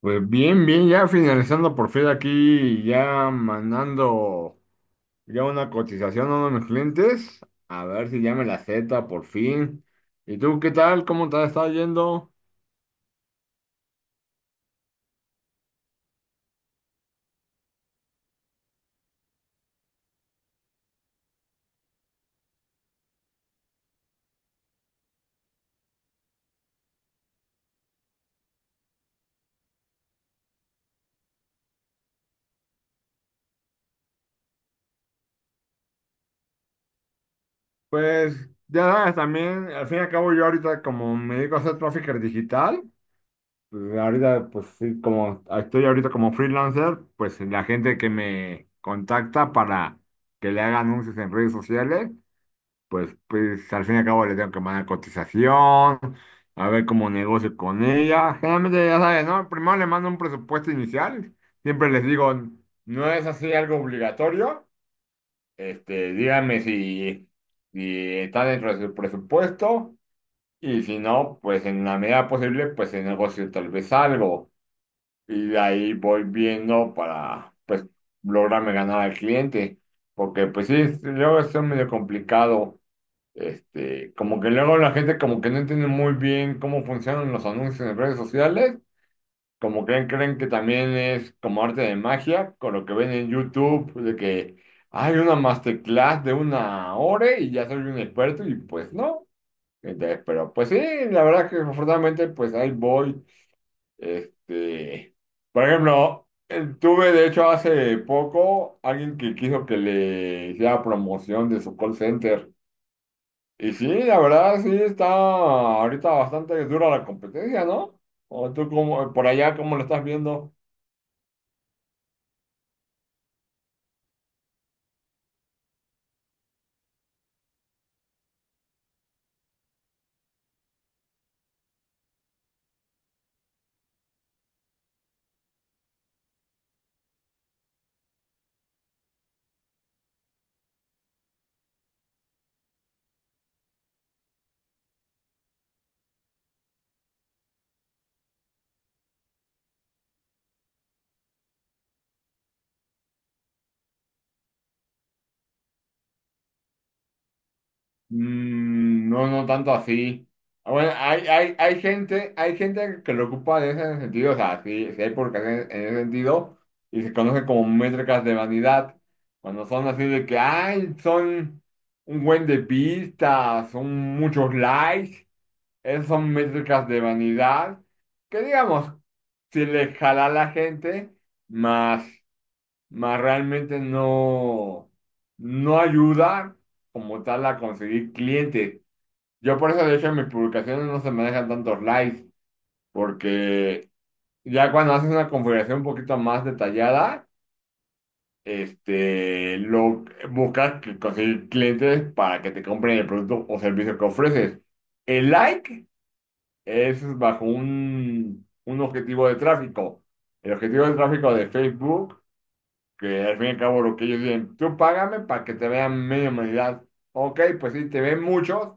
Pues bien, bien, ya finalizando por fin aquí, ya mandando ya una cotización a uno de mis clientes, a ver si ya me la acepta por fin. ¿Y tú qué tal? ¿Cómo te está yendo? Pues ya sabes, también, al fin y al cabo yo ahorita como me dedico a hacer trafficker digital, pues ahorita pues sí, como estoy ahorita como freelancer, pues la gente que me contacta para que le haga anuncios en redes sociales. Pues, pues al fin y al cabo le tengo que mandar cotización, a ver cómo negocio con ella. Generalmente, ya sabes, ¿no? Primero le mando un presupuesto inicial. Siempre les digo, no es así algo obligatorio. Díganme si, si está dentro de su presupuesto, y si no, pues en la medida posible, pues se negocio tal vez algo. Y de ahí voy viendo para, pues, lograrme ganar al cliente. Porque, pues sí, luego es medio complicado, como que luego la gente como que no entiende muy bien cómo funcionan los anuncios en redes sociales, como creen que también es como arte de magia, con lo que ven en YouTube, de que hay una masterclass de una hora y ya soy un experto, y pues no. Entonces, pero pues sí, la verdad que afortunadamente pues ahí voy. Este, por ejemplo, tuve de hecho hace poco alguien que quiso que le hiciera promoción de su call center. Y sí, la verdad, sí está ahorita bastante dura la competencia, ¿no? ¿O tú como, por allá, cómo lo estás viendo? Mm, no, no tanto así. Ah, bueno, hay gente que lo ocupa en ese sentido, o sea, sí, sí hay publicaciones en ese sentido, y se conocen como métricas de vanidad, cuando son así de que, ay, son un buen de vistas, son muchos likes. Esas son métricas de vanidad que, digamos, si le jala a la gente, más, más realmente no, no ayuda como tal a conseguir clientes. Yo por eso, de hecho, en mis publicaciones no se manejan tantos likes, porque ya cuando haces una configuración un poquito más detallada, lo buscas que conseguir clientes para que te compren el producto o servicio que ofreces. El like es bajo un objetivo de tráfico. El objetivo de tráfico de Facebook, que al fin y al cabo lo que ellos dicen, tú págame para que te vean media humanidad. Ok, pues sí, te ven muchos,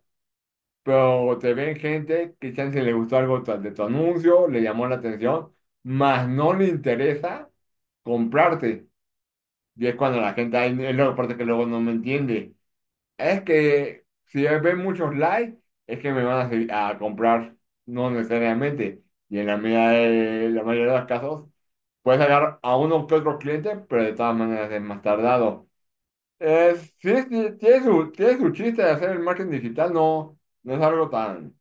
pero te ven gente que chance le gustó algo de tu anuncio, le llamó la atención, más no le interesa comprarte. Y es cuando la gente, ahí es la parte que luego no me entiende. Es que si ven muchos likes, es que me van a comprar, no necesariamente. Y en la medida de la mayoría de los casos, puedes sacar a uno que otro cliente, pero de todas maneras es más tardado. Sí, sí, tiene tiene su chiste de hacer el marketing digital, no, no es algo tan...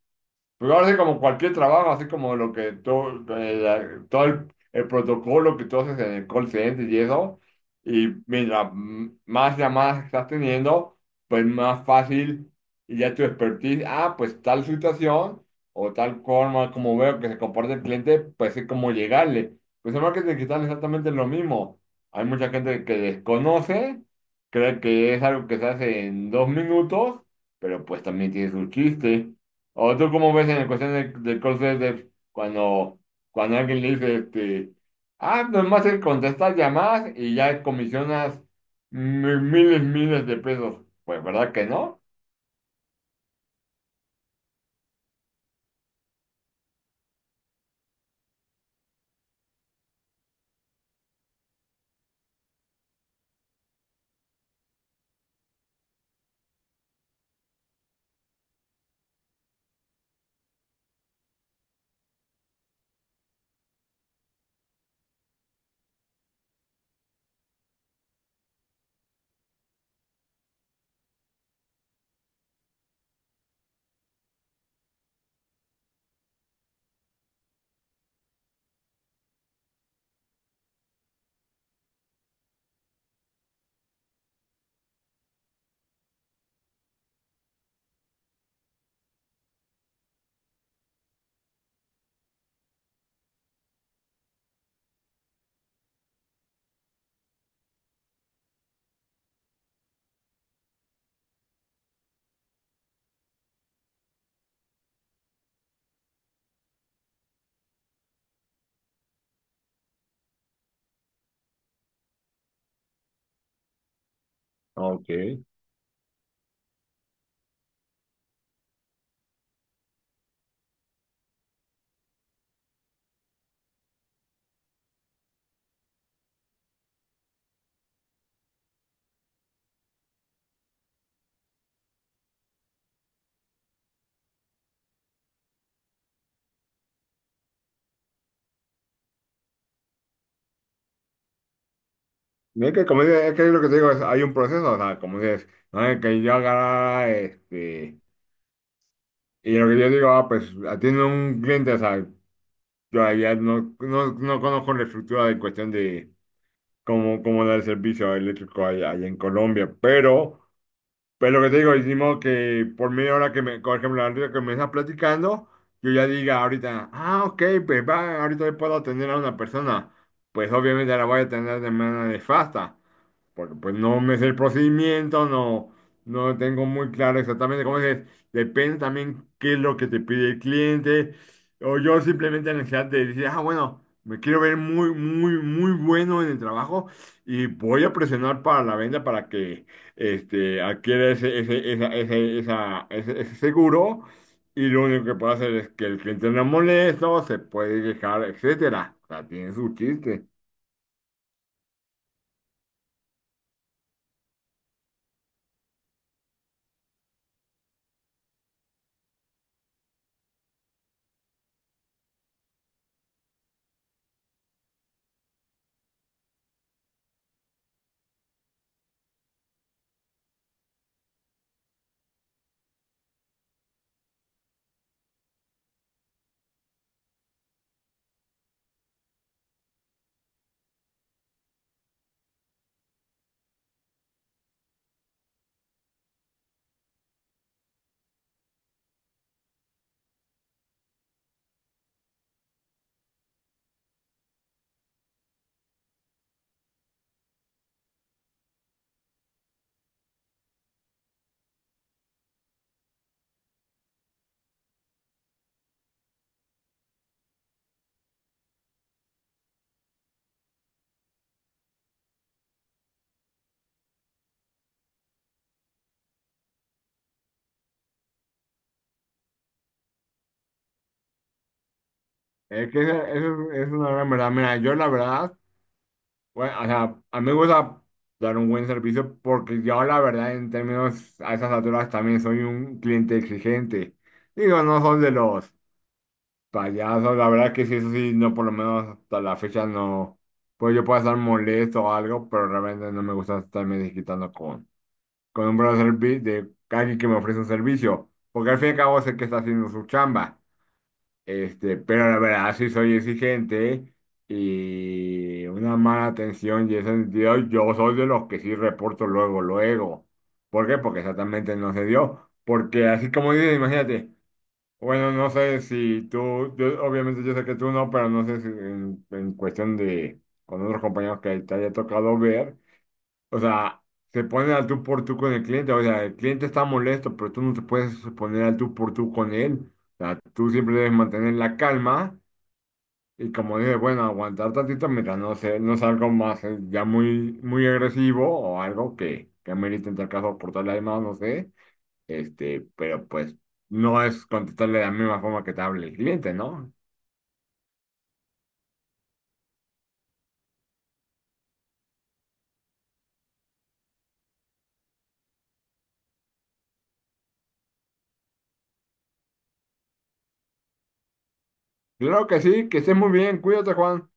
Pero ahora sí, como cualquier trabajo, así como lo que todo, todo el protocolo que tú haces en el call center y eso, y mira, más llamadas estás teniendo, pues más fácil, y ya tu expertise, ah, pues tal situación o tal forma como veo que se comporta el cliente, pues es como llegarle. Pues en marketing digital es exactamente lo mismo. Hay mucha gente que desconoce, cree que es algo que se hace en dos minutos, pero pues también tiene su chiste. ¿O tú cómo ves en la cuestión del call center cuando, cuando alguien le dice, ah, nomás es contestar llamadas y ya comisionas miles, miles de pesos? Pues, ¿verdad que no? Ok. Mira que como dices, es que lo que te digo es, hay un proceso, o sea, como dices, no es que yo agarrara, y lo que yo digo, ah, pues atiendo a un cliente, o sea, yo allá no, no, no conozco la estructura de cuestión de cómo, cómo da el servicio eléctrico allá, allá en Colombia, pero pues lo que te digo, decimos que por media hora que me, por ejemplo, ahorita que me estás platicando, yo ya diga ahorita, ah, ok, pues va, ahorita puedo atender a una persona. Pues obviamente la voy a atender de manera nefasta porque pues no me sé el procedimiento, no, no tengo muy claro exactamente cómo es. Depende también qué es lo que te pide el cliente. O yo simplemente la necesidad de decir, ah, bueno, me quiero ver muy, muy, muy bueno en el trabajo y voy a presionar para la venta para que adquiera ese seguro. Y lo único que puedo hacer es que el cliente no molesto, se puede quejar, etcétera. O sea, tiene su chiste. Es que eso es una gran verdad. Mira, yo la verdad, bueno, o sea, a mí me gusta dar un buen servicio porque yo la verdad en términos a esas alturas también soy un cliente exigente. Digo, no soy de los payasos, la verdad que sí, eso sí, no por lo menos hasta la fecha no, pues yo puedo estar molesto o algo, pero realmente no me gusta estarme desquitando con un buen servicio de alguien que me ofrece un servicio, porque al fin y al cabo sé que está haciendo su chamba. Pero la verdad sí soy exigente y una mala atención y ese sentido, yo soy de los que sí reporto luego, luego. ¿Por qué? Porque exactamente no se dio. Porque así como dices, imagínate, bueno, no sé si tú, obviamente yo sé que tú no, pero no sé si en cuestión de con otros compañeros que te haya tocado ver. O sea, se ponen al tú por tú con el cliente. O sea, el cliente está molesto, pero tú no te puedes poner al tú por tú con él. O sea, tú siempre debes mantener la calma, y como dije, bueno, aguantar tantito mientras no sé, no sea algo más, ya muy, muy agresivo o algo que amerite en tal caso portarle además, no sé. Pero pues no es contestarle de la misma forma que te hable el cliente, ¿no? Claro que sí, que estés muy bien, cuídate, Juan.